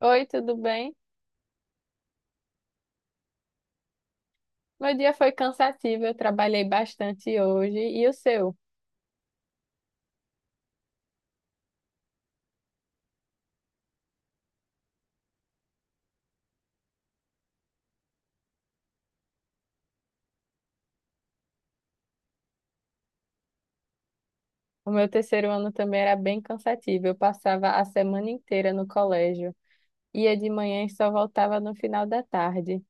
Oi, tudo bem? Meu dia foi cansativo, eu trabalhei bastante hoje. E o seu? O meu terceiro ano também era bem cansativo. Eu passava a semana inteira no colégio, ia de manhã e só voltava no final da tarde.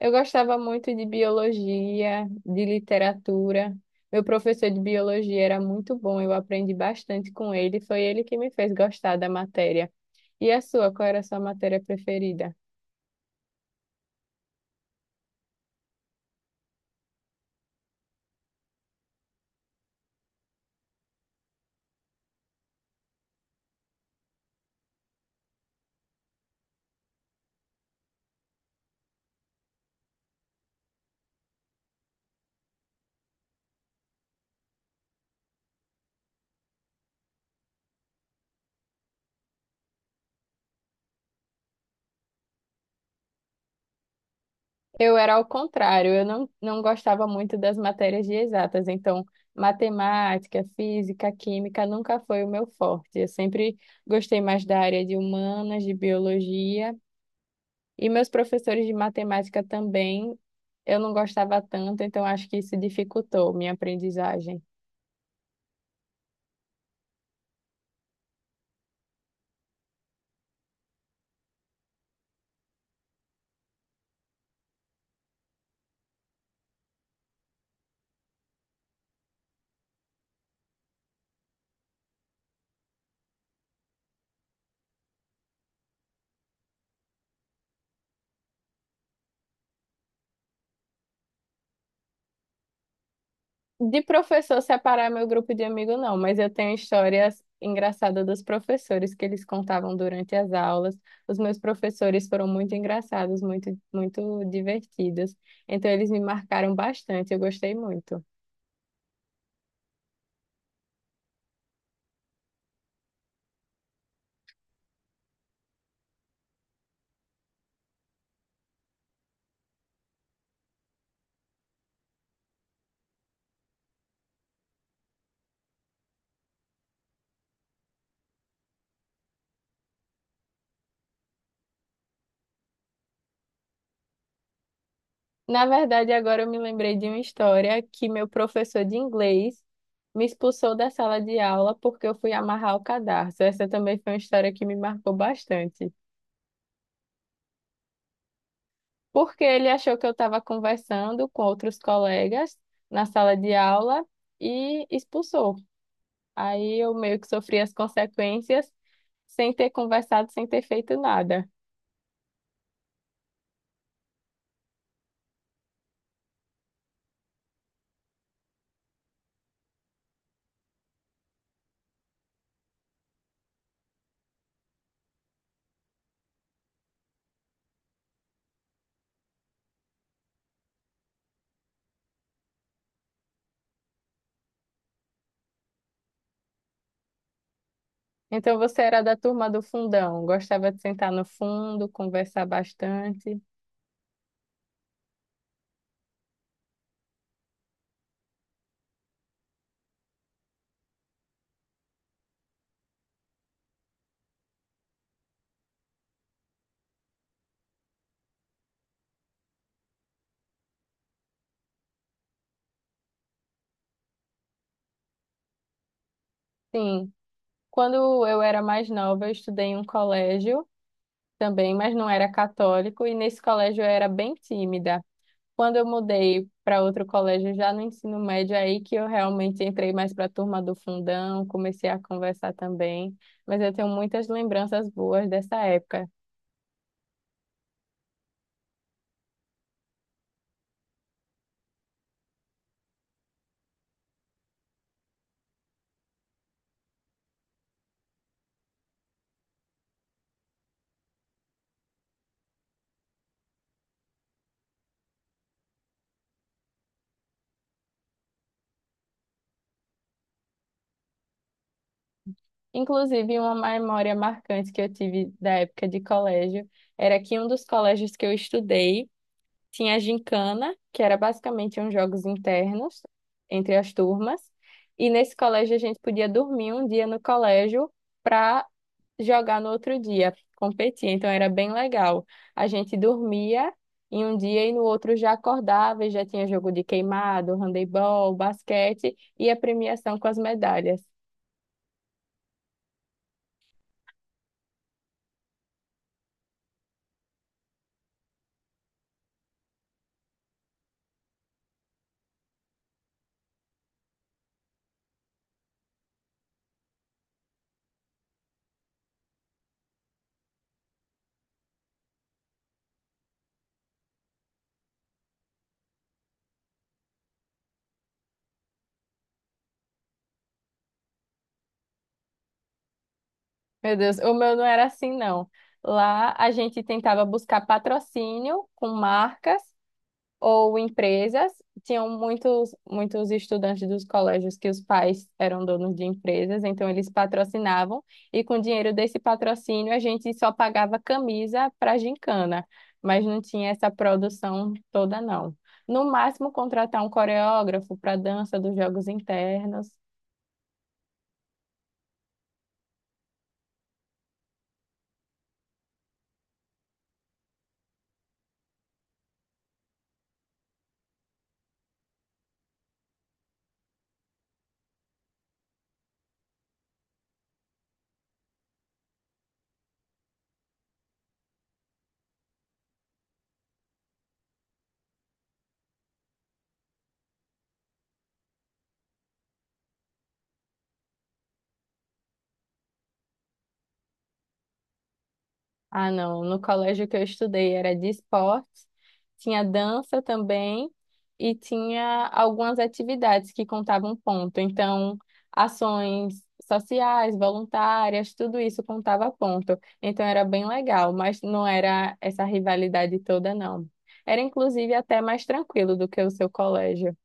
Eu gostava muito de biologia, de literatura. Meu professor de biologia era muito bom, eu aprendi bastante com ele. Foi ele que me fez gostar da matéria. E a sua? Qual era a sua matéria preferida? Eu era ao contrário, eu não gostava muito das matérias de exatas, então matemática, física, química nunca foi o meu forte. Eu sempre gostei mais da área de humanas, de biologia, e meus professores de matemática também eu não gostava tanto, então acho que isso dificultou minha aprendizagem. De professor separar meu grupo de amigo, não, mas eu tenho histórias engraçadas dos professores que eles contavam durante as aulas. Os meus professores foram muito engraçados, muito, muito divertidos. Então, eles me marcaram bastante, eu gostei muito. Na verdade, agora eu me lembrei de uma história que meu professor de inglês me expulsou da sala de aula porque eu fui amarrar o cadarço. Essa também foi uma história que me marcou bastante. Porque ele achou que eu estava conversando com outros colegas na sala de aula e expulsou. Aí eu meio que sofri as consequências sem ter conversado, sem ter feito nada. Então você era da turma do fundão, gostava de sentar no fundo, conversar bastante. Sim, quando eu era mais nova, eu estudei em um colégio também, mas não era católico, e nesse colégio eu era bem tímida. Quando eu mudei para outro colégio, já no ensino médio, é aí que eu realmente entrei mais para a turma do fundão, comecei a conversar também. Mas eu tenho muitas lembranças boas dessa época. Inclusive, uma memória marcante que eu tive da época de colégio era que um dos colégios que eu estudei, tinha a gincana, que era basicamente uns jogos internos entre as turmas. E nesse colégio a gente podia dormir um dia no colégio para jogar no outro dia, competir. Então era bem legal. A gente dormia em um dia e no outro já acordava e já tinha jogo de queimado, handebol, basquete e a premiação com as medalhas. Meu Deus, o meu não era assim, não. Lá a gente tentava buscar patrocínio com marcas ou empresas. Tinham muitos, muitos estudantes dos colégios que os pais eram donos de empresas, então eles patrocinavam, e com o dinheiro desse patrocínio a gente só pagava camisa para gincana, mas não tinha essa produção toda, não. No máximo, contratar um coreógrafo para dança dos jogos internos. Ah, não. No colégio que eu estudei era de esportes, tinha dança também e tinha algumas atividades que contavam ponto. Então, ações sociais, voluntárias, tudo isso contava ponto. Então era bem legal, mas não era essa rivalidade toda, não. Era inclusive até mais tranquilo do que o seu colégio.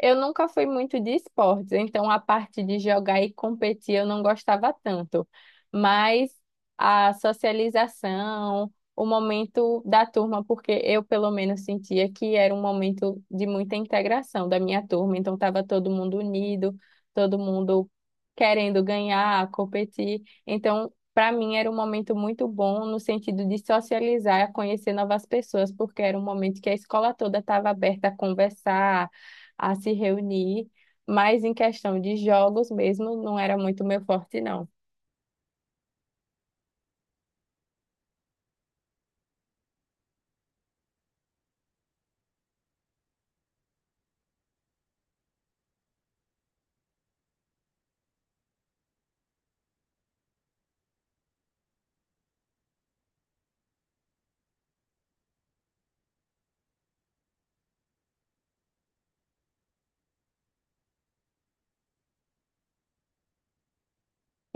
Eu nunca fui muito de esportes, então a parte de jogar e competir eu não gostava tanto. Mas a socialização, o momento da turma, porque eu pelo menos sentia que era um momento de muita integração da minha turma, então estava todo mundo unido, todo mundo querendo ganhar, competir. Então, para mim era um momento muito bom no sentido de socializar, conhecer novas pessoas, porque era um momento que a escola toda estava aberta a conversar, a se reunir, mas em questão de jogos mesmo, não era muito meu forte, não.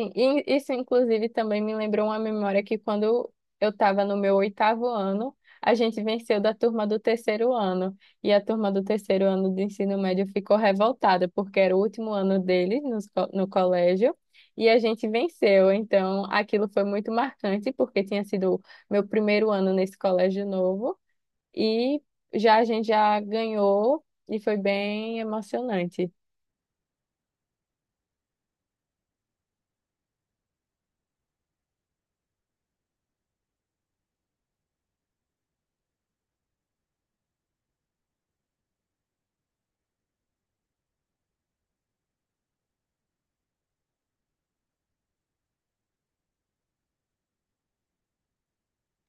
Sim, e isso, inclusive, também me lembrou uma memória que quando eu estava no meu oitavo ano, a gente venceu da turma do terceiro ano. E a turma do terceiro ano do ensino médio ficou revoltada, porque era o último ano deles nos no colégio. E a gente venceu, então aquilo foi muito marcante, porque tinha sido meu primeiro ano nesse colégio novo. E já a gente já ganhou e foi bem emocionante.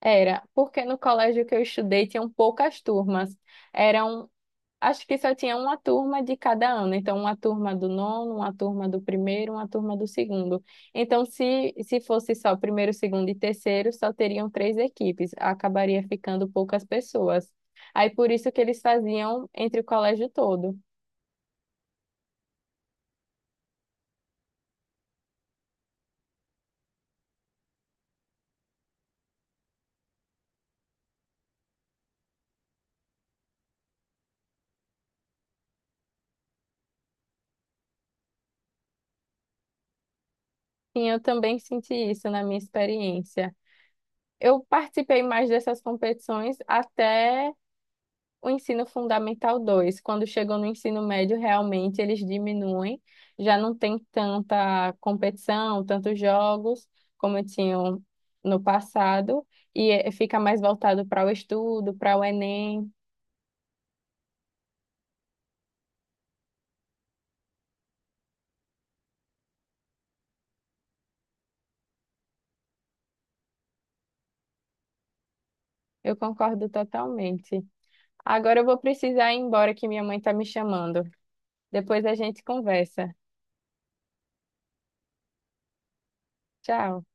Era, porque no colégio que eu estudei tinham poucas turmas. Eram, acho que só tinha uma turma de cada ano. Então, uma turma do nono, uma turma do primeiro, uma turma do segundo. Então, se fosse só primeiro, segundo e terceiro, só teriam três equipes. Acabaria ficando poucas pessoas. Aí, por isso que eles faziam entre o colégio todo. E eu também senti isso na minha experiência. Eu participei mais dessas competições até o ensino fundamental 2. Quando chegou no ensino médio, realmente eles diminuem, já não tem tanta competição, tantos jogos como tinham no passado, e fica mais voltado para o estudo, para o Enem. Eu concordo totalmente. Agora eu vou precisar ir embora que minha mãe está me chamando. Depois a gente conversa. Tchau.